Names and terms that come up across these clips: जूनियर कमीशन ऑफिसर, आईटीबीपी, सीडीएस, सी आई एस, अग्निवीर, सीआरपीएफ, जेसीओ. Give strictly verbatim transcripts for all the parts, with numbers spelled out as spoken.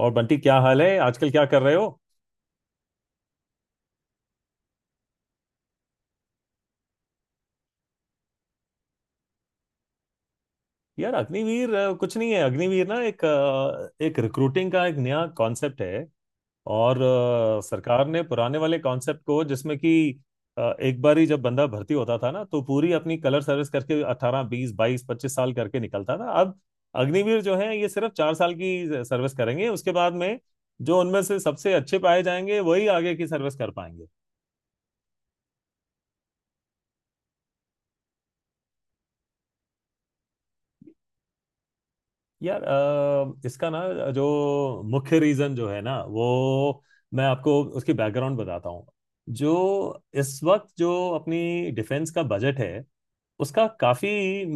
और बंटी, क्या हाल है? आजकल क्या कर रहे हो? यार, अग्निवीर अ, कुछ नहीं है। अग्निवीर ना एक अ, एक रिक्रूटिंग का एक नया कॉन्सेप्ट है। और अ, सरकार ने पुराने वाले कॉन्सेप्ट को, जिसमें कि अ, एक बार ही जब बंदा भर्ती होता था ना तो पूरी अपनी कलर सर्विस करके अठारह बीस बाईस पच्चीस साल करके निकलता था। अब अग्निवीर जो है ये सिर्फ चार साल की सर्विस करेंगे, उसके बाद में जो उनमें से सबसे अच्छे पाए जाएंगे वही आगे की सर्विस कर पाएंगे। यार अ, इसका ना, जो मुख्य रीजन जो है ना वो मैं आपको उसकी बैकग्राउंड बताता हूँ। जो इस वक्त जो अपनी डिफेंस का बजट है उसका काफी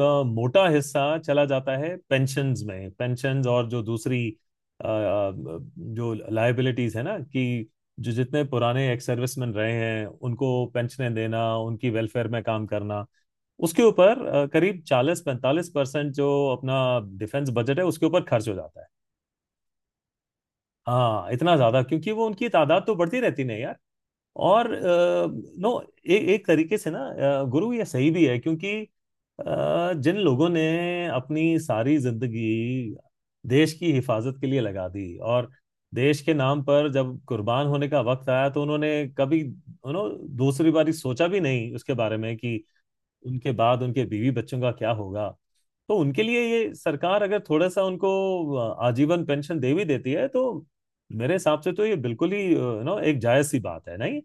अ, मोटा हिस्सा चला जाता है पेंशन्स में। पेंशन्स और जो दूसरी अ, अ, जो लायबिलिटीज है ना, कि जो जितने पुराने एक्स सर्विसमैन रहे हैं उनको पेंशनें देना, उनकी वेलफेयर में काम करना, उसके ऊपर अ, करीब चालीस पैंतालीस परसेंट जो अपना डिफेंस बजट है उसके ऊपर खर्च हो जाता है। हाँ, इतना ज्यादा, क्योंकि वो उनकी तादाद तो बढ़ती रहती नहीं यार। और अ, नो ए, एक तरीके से ना अ, गुरु, ये सही भी है, क्योंकि अ, जिन लोगों ने अपनी सारी जिंदगी देश की हिफाजत के लिए लगा दी, और देश के नाम पर जब कुर्बान होने का वक्त आया तो उन्होंने कभी उन्होंने दूसरी बारी सोचा भी नहीं उसके बारे में, कि उनके बाद उनके बीवी बच्चों का क्या होगा। तो उनके लिए ये सरकार अगर थोड़ा सा उनको अ, आजीवन पेंशन दे भी देती है तो मेरे हिसाब से तो ये बिल्कुल ही नो एक जायज सी बात है, नहीं?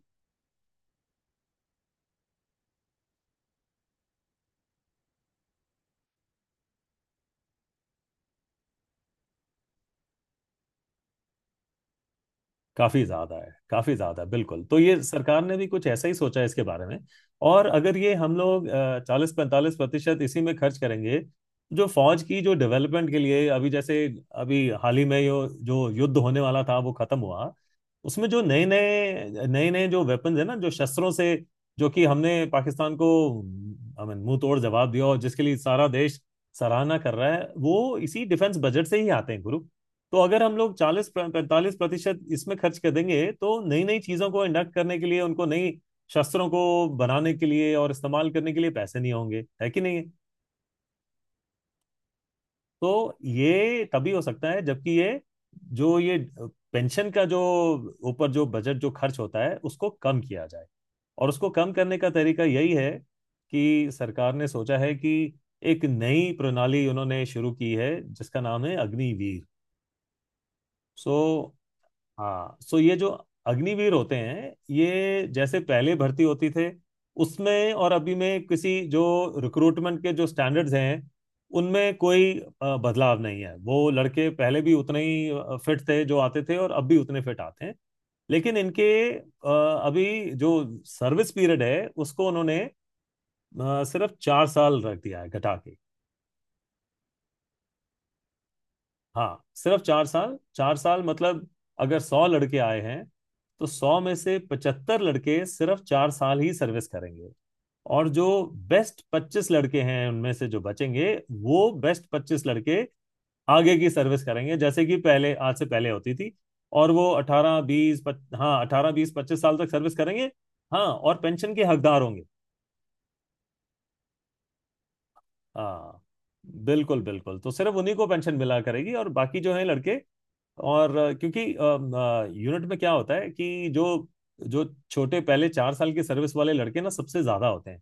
काफी ज्यादा है, काफी ज्यादा है, बिल्कुल। तो ये सरकार ने भी कुछ ऐसा ही सोचा है इसके बारे में। और अगर ये हम लोग चालीस पैंतालीस प्रतिशत इसी में खर्च करेंगे, जो फौज की, जो डेवलपमेंट के लिए, अभी जैसे अभी हाल ही में जो जो युद्ध होने वाला था वो खत्म हुआ, उसमें जो नए नए नए नए जो वेपन्स है ना, जो शस्त्रों से, जो कि हमने पाकिस्तान को, आई मीन, मुंह तोड़ जवाब दिया और जिसके लिए सारा देश सराहना कर रहा है, वो इसी डिफेंस बजट से ही आते हैं गुरु। तो अगर हम लोग चालीस पैंतालीस प्रतिशत इसमें खर्च कर देंगे तो नई नई चीजों को इंडक्ट करने के लिए, उनको नई शस्त्रों को बनाने के लिए और इस्तेमाल करने के लिए पैसे नहीं होंगे, है कि नहीं? तो ये तभी हो सकता है जबकि ये जो ये पेंशन का जो ऊपर जो बजट जो खर्च होता है उसको कम किया जाए। और उसको कम करने का तरीका यही है, कि सरकार ने सोचा है कि एक नई प्रणाली उन्होंने शुरू की है जिसका नाम है अग्निवीर। सो, हाँ, सो ये जो अग्निवीर होते हैं, ये जैसे पहले भर्ती होती थे उसमें और अभी में, किसी जो रिक्रूटमेंट के जो स्टैंडर्ड्स हैं उनमें कोई अ, बदलाव नहीं है। वो लड़के पहले भी उतने ही फिट थे जो आते थे और अब भी उतने फिट आते हैं। लेकिन इनके अ, अभी जो सर्विस पीरियड है उसको उन्होंने अ, सिर्फ चार साल रख दिया है घटा के। हाँ, सिर्फ चार साल। चार साल मतलब अगर सौ लड़के आए हैं तो सौ में से पचहत्तर लड़के सिर्फ चार साल ही सर्विस करेंगे, और जो बेस्ट पच्चीस लड़के हैं उनमें से जो बचेंगे, वो बेस्ट पच्चीस लड़के आगे की सर्विस करेंगे जैसे कि पहले, आज से पहले होती थी। और वो अठारह बीस, हाँ अठारह बीस पच्चीस साल तक सर्विस करेंगे। हाँ, और पेंशन के हकदार होंगे। हाँ, बिल्कुल बिल्कुल। तो सिर्फ उन्हीं को पेंशन मिला करेगी, और बाकी जो है लड़के, और अ, क्योंकि यूनिट में क्या होता है कि जो जो छोटे, पहले चार साल के सर्विस वाले लड़के ना सबसे ज्यादा होते हैं।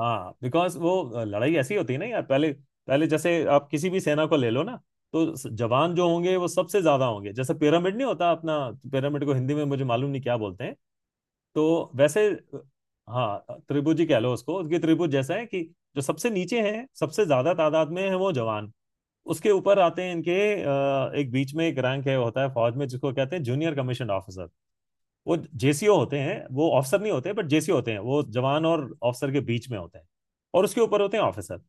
हाँ, बिकॉज वो अ, लड़ाई ऐसी होती है ना यार, पहले पहले जैसे आप किसी भी सेना को ले लो ना, तो स- जवान जो होंगे वो सबसे ज्यादा होंगे, जैसे पिरामिड नहीं होता अपना। पिरामिड को हिंदी में मुझे मालूम नहीं क्या बोलते हैं। तो वैसे अ, हाँ, त्रिभुज ही कह लो उसको। उसकी त्रिभुज जैसा है, कि जो सबसे नीचे हैं सबसे ज्यादा तादाद में है वो जवान। उसके ऊपर आते हैं इनके अ, एक बीच में एक रैंक है, होता है फौज में, जिसको कहते हैं जूनियर कमीशन ऑफिसर। वो जे सी ओ होते हैं, वो ऑफिसर नहीं होते, बट जेसीओ होते हैं, वो जवान और ऑफिसर के बीच में होते हैं। और उसके ऊपर होते हैं ऑफिसर।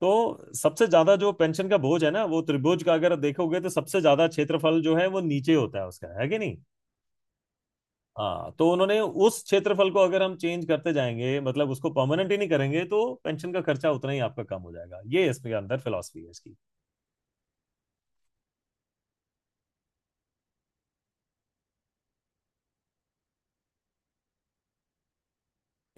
तो सबसे ज्यादा जो पेंशन का बोझ है ना वो, त्रिभुज का अगर देखोगे तो सबसे ज्यादा क्षेत्रफल जो है वो नीचे होता है उसका, है कि नहीं? हाँ, तो उन्होंने उस क्षेत्रफल को, अगर हम चेंज करते जाएंगे मतलब उसको परमानेंट ही नहीं करेंगे, तो पेंशन का खर्चा उतना ही आपका कम हो जाएगा। ये इसके अंदर फिलॉसफी है इसकी।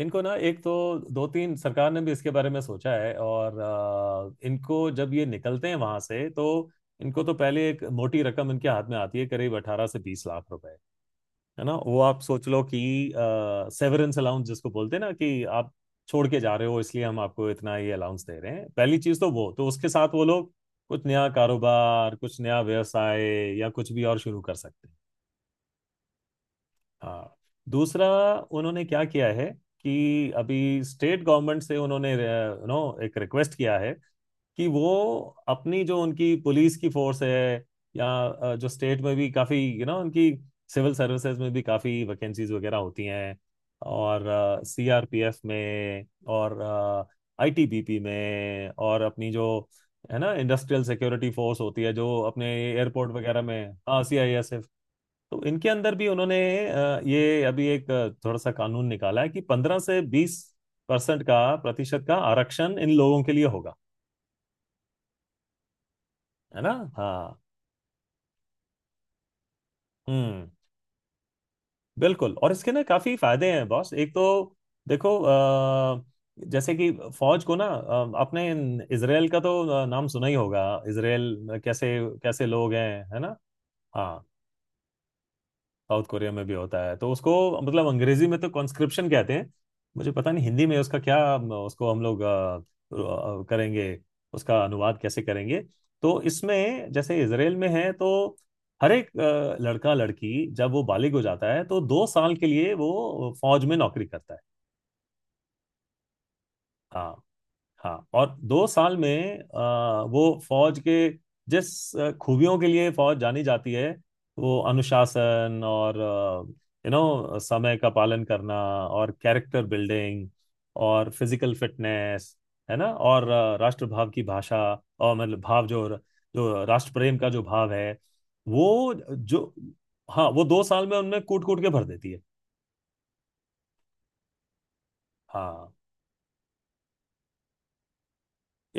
इनको ना एक तो, दो तीन सरकार ने भी इसके बारे में सोचा है, और अ, इनको जब ये निकलते हैं वहां से तो इनको तो पहले एक मोटी रकम इनके हाथ में आती है, करीब अठारह से बीस लाख रुपए। है ना? वो आप सोच लो कि सेवरेंस अलाउंस जिसको बोलते हैं ना, कि आप छोड़ के जा रहे हो इसलिए हम आपको इतना ये अलाउंस दे रहे हैं। पहली चीज तो वो, तो उसके साथ वो लोग कुछ नया कारोबार, कुछ नया व्यवसाय या कुछ भी और शुरू कर सकते हैं। हाँ। दूसरा, उन्होंने क्या किया है कि अभी स्टेट गवर्नमेंट से उन्होंने नो एक रिक्वेस्ट किया है कि वो अपनी, जो उनकी पुलिस की फोर्स है, या अ, जो स्टेट में भी काफ़ी, यू नो उनकी सिविल सर्विसेज में भी काफ़ी वैकेंसीज वगैरह होती हैं, और सी आर पी एफ में और आई टी बी पी में और अपनी जो, है ना, इंडस्ट्रियल सिक्योरिटी फोर्स होती है जो अपने एयरपोर्ट वगैरह में। हाँ, सी आई एस। तो इनके अंदर भी उन्होंने अ, ये अभी एक अ, थोड़ा सा कानून निकाला है, कि पंद्रह से बीस परसेंट का, प्रतिशत का आरक्षण इन लोगों के लिए होगा। है ना? हाँ। हम्म। बिल्कुल, और इसके ना काफी फायदे हैं बॉस। एक तो देखो अ, जैसे कि फौज को ना अ, आपने इन- इसराइल का तो अ, नाम सुना ही होगा। इसराइल कैसे कैसे लोग हैं, है ना। हाँ, साउथ कोरिया में भी होता है। तो उसको, मतलब अंग्रेजी में तो कॉन्स्क्रिप्शन कहते हैं, मुझे पता नहीं हिंदी में उसका क्या, उसको हम लोग अ, अ, करेंगे, उसका अनुवाद कैसे करेंगे। तो इसमें जैसे इसराइल में है, तो हर एक अ, लड़का लड़की जब वो बालिग हो जाता है तो दो साल के लिए वो फौज में नौकरी करता है। हाँ हाँ। और दो साल में आ, वो फौज के जिस आ, खूबियों के लिए फौज जानी जाती है, वो अनुशासन, और यू नो समय का पालन करना, और कैरेक्टर बिल्डिंग, और फिजिकल फिटनेस, है ना। और आ, राष्ट्रभाव की भाषा, और मतलब भाव, जो जो राष्ट्र प्रेम का जो भाव है वो जो, हाँ, वो दो साल में उनमें कूट कूट के भर देती है। हाँ,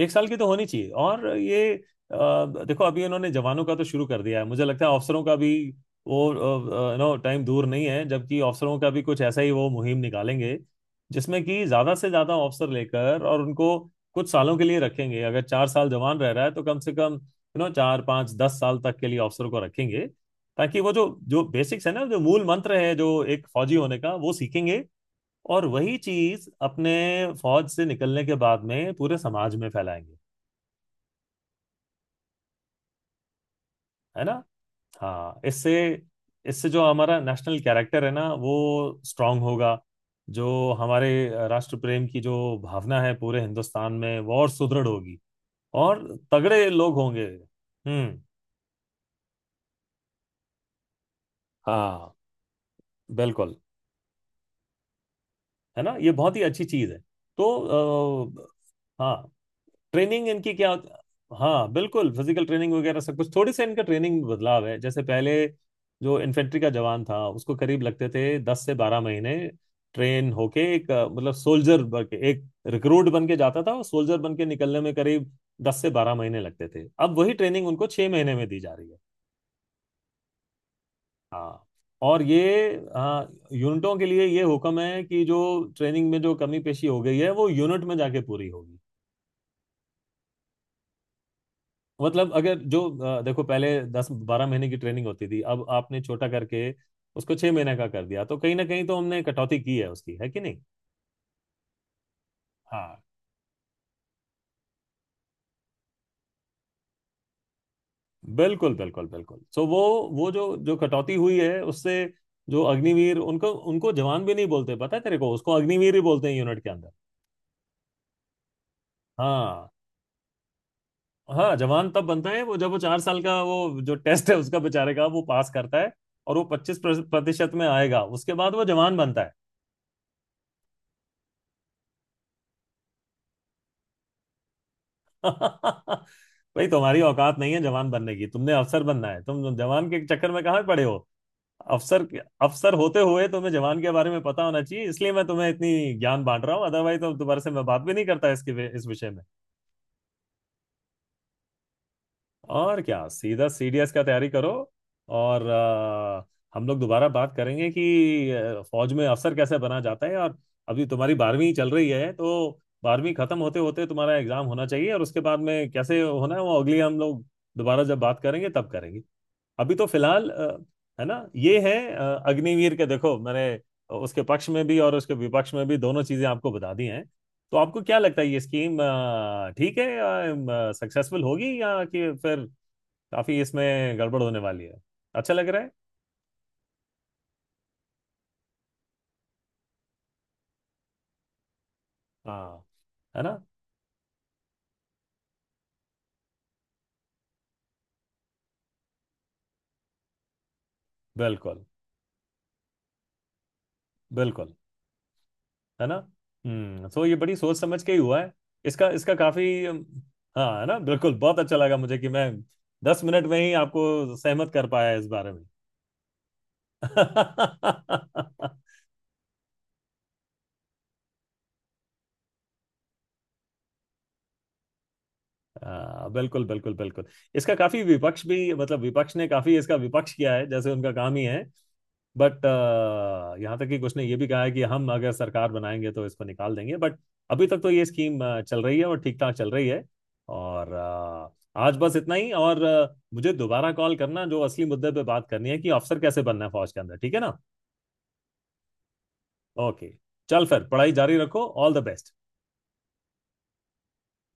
एक साल की तो होनी चाहिए। और ये अ, देखो, अभी इन्होंने जवानों का तो शुरू कर दिया है, मुझे लगता है अफसरों का भी वो नो टाइम दूर नहीं है जबकि अफसरों का भी कुछ ऐसा ही वो मुहिम निकालेंगे, जिसमें कि ज्यादा से ज्यादा अफसर लेकर और उनको कुछ सालों के लिए रखेंगे। अगर चार साल जवान रह रहा है तो कम से कम यू नो चार पाँच दस साल तक के लिए अफसर को रखेंगे, ताकि वो जो जो बेसिक्स है ना, जो मूल मंत्र है जो एक फौजी होने का, वो सीखेंगे, और वही चीज अपने फौज से निकलने के बाद में पूरे समाज में फैलाएंगे। है ना? हाँ, इससे इससे जो हमारा नेशनल कैरेक्टर है ना वो स्ट्रांग होगा। जो हमारे राष्ट्र प्रेम की जो भावना है पूरे हिंदुस्तान में वो और सुदृढ़ होगी। और तगड़े लोग होंगे। हम्म। हाँ, बिल्कुल। है ना, ये बहुत ही अच्छी चीज है। तो अ, हाँ, ट्रेनिंग इनकी क्या होती, हाँ बिल्कुल, फिजिकल ट्रेनिंग वगैरह सब कुछ। थोड़ी सी इनका ट्रेनिंग में बदलाव है। जैसे पहले जो इन्फेंट्री का जवान था उसको करीब लगते थे दस से बारह महीने, ट्रेन होके एक अ, मतलब सोल्जर बन के, एक रिक्रूट बन के जाता था और सोल्जर बन के निकलने में करीब दस से बारह महीने लगते थे। अब वही ट्रेनिंग उनको छह महीने में दी जा रही है। हाँ। और ये आ, यूनिटों के लिए ये हुक्म है, कि जो ट्रेनिंग में जो कमी पेशी हो गई है वो यूनिट में जाके पूरी होगी। मतलब अगर जो अ, देखो, पहले दस बारह महीने की ट्रेनिंग होती थी, अब आपने छोटा करके उसको छह महीने का कर दिया, तो कहीं ना कहीं तो हमने कटौती की है उसकी, है कि नहीं? हाँ, बिल्कुल बिल्कुल बिल्कुल। सो वो वो जो जो कटौती हुई है उससे जो अग्निवीर, उनको उनको जवान भी नहीं बोलते, पता है तेरे को, उसको अग्निवीर ही बोलते हैं यूनिट के अंदर। हाँ। हाँ, जवान तब बनता है वो, जब वो चार साल का वो जो टेस्ट है उसका बेचारे का वो पास करता है, और वो पच्चीस प्रतिशत में आएगा, उसके बाद वो जवान बनता है। भाई, तुम्हारी औकात नहीं है जवान बनने की, तुमने अफसर बनना है, तुम जवान के चक्कर में कहाँ पड़े हो? अफसर। अफसर होते हुए तुम्हें जवान के बारे में पता होना चाहिए, इसलिए मैं तुम्हें इतनी ज्ञान बांट रहा हूँ, अदरवाइज तो दोबारा से मैं बात भी नहीं करता इसके इस विषय में। और क्या, सीधा सी डी एस का तैयारी करो। और अ, हम लोग दोबारा बात करेंगे कि अ, फौज में अफसर कैसे बना जाता है, और अभी तुम्हारी बारहवीं चल रही है तो बारहवीं खत्म होते होते तुम्हारा एग्जाम होना चाहिए, और उसके बाद में कैसे होना है वो अगली, हम लोग दोबारा जब बात करेंगे तब करेंगे। अभी तो फिलहाल अ, है ना, ये है अ, अग्निवीर के, देखो मैंने उसके पक्ष में भी और उसके विपक्ष में भी, दोनों चीजें आपको बता दी हैं। तो आपको क्या लगता है, ये स्कीम अ, ठीक है, सक्सेसफुल होगी, या कि फिर काफी इसमें गड़बड़ होने वाली है? अच्छा लग रहा है? हाँ। है ना? बिल्कुल बिल्कुल। है ना? हम्म। तो ये बड़ी सोच समझ के ही हुआ है। इसका इसका काफी अम, हाँ, है ना, बिल्कुल। बहुत अच्छा लगा मुझे कि मैं दस मिनट में ही आपको सहमत कर पाया इस बारे में। आ, बिल्कुल बिल्कुल बिल्कुल। इसका काफी विपक्ष भी, मतलब विपक्ष ने काफी इसका विपक्ष किया है, जैसे उनका काम ही है, बट यहाँ तक कि कुछ ने ये भी कहा है कि हम अगर सरकार बनाएंगे तो इसको निकाल देंगे, बट अभी तक तो ये स्कीम अ, चल रही है, और ठीक ठाक चल रही है। और अ, आज बस इतना ही। और अ, मुझे दोबारा कॉल करना, जो असली मुद्दे पे बात करनी है, कि अफसर कैसे बनना है फौज के अंदर, ठीक है ना? ओके। चल फिर पढ़ाई जारी रखो, ऑल द बेस्ट।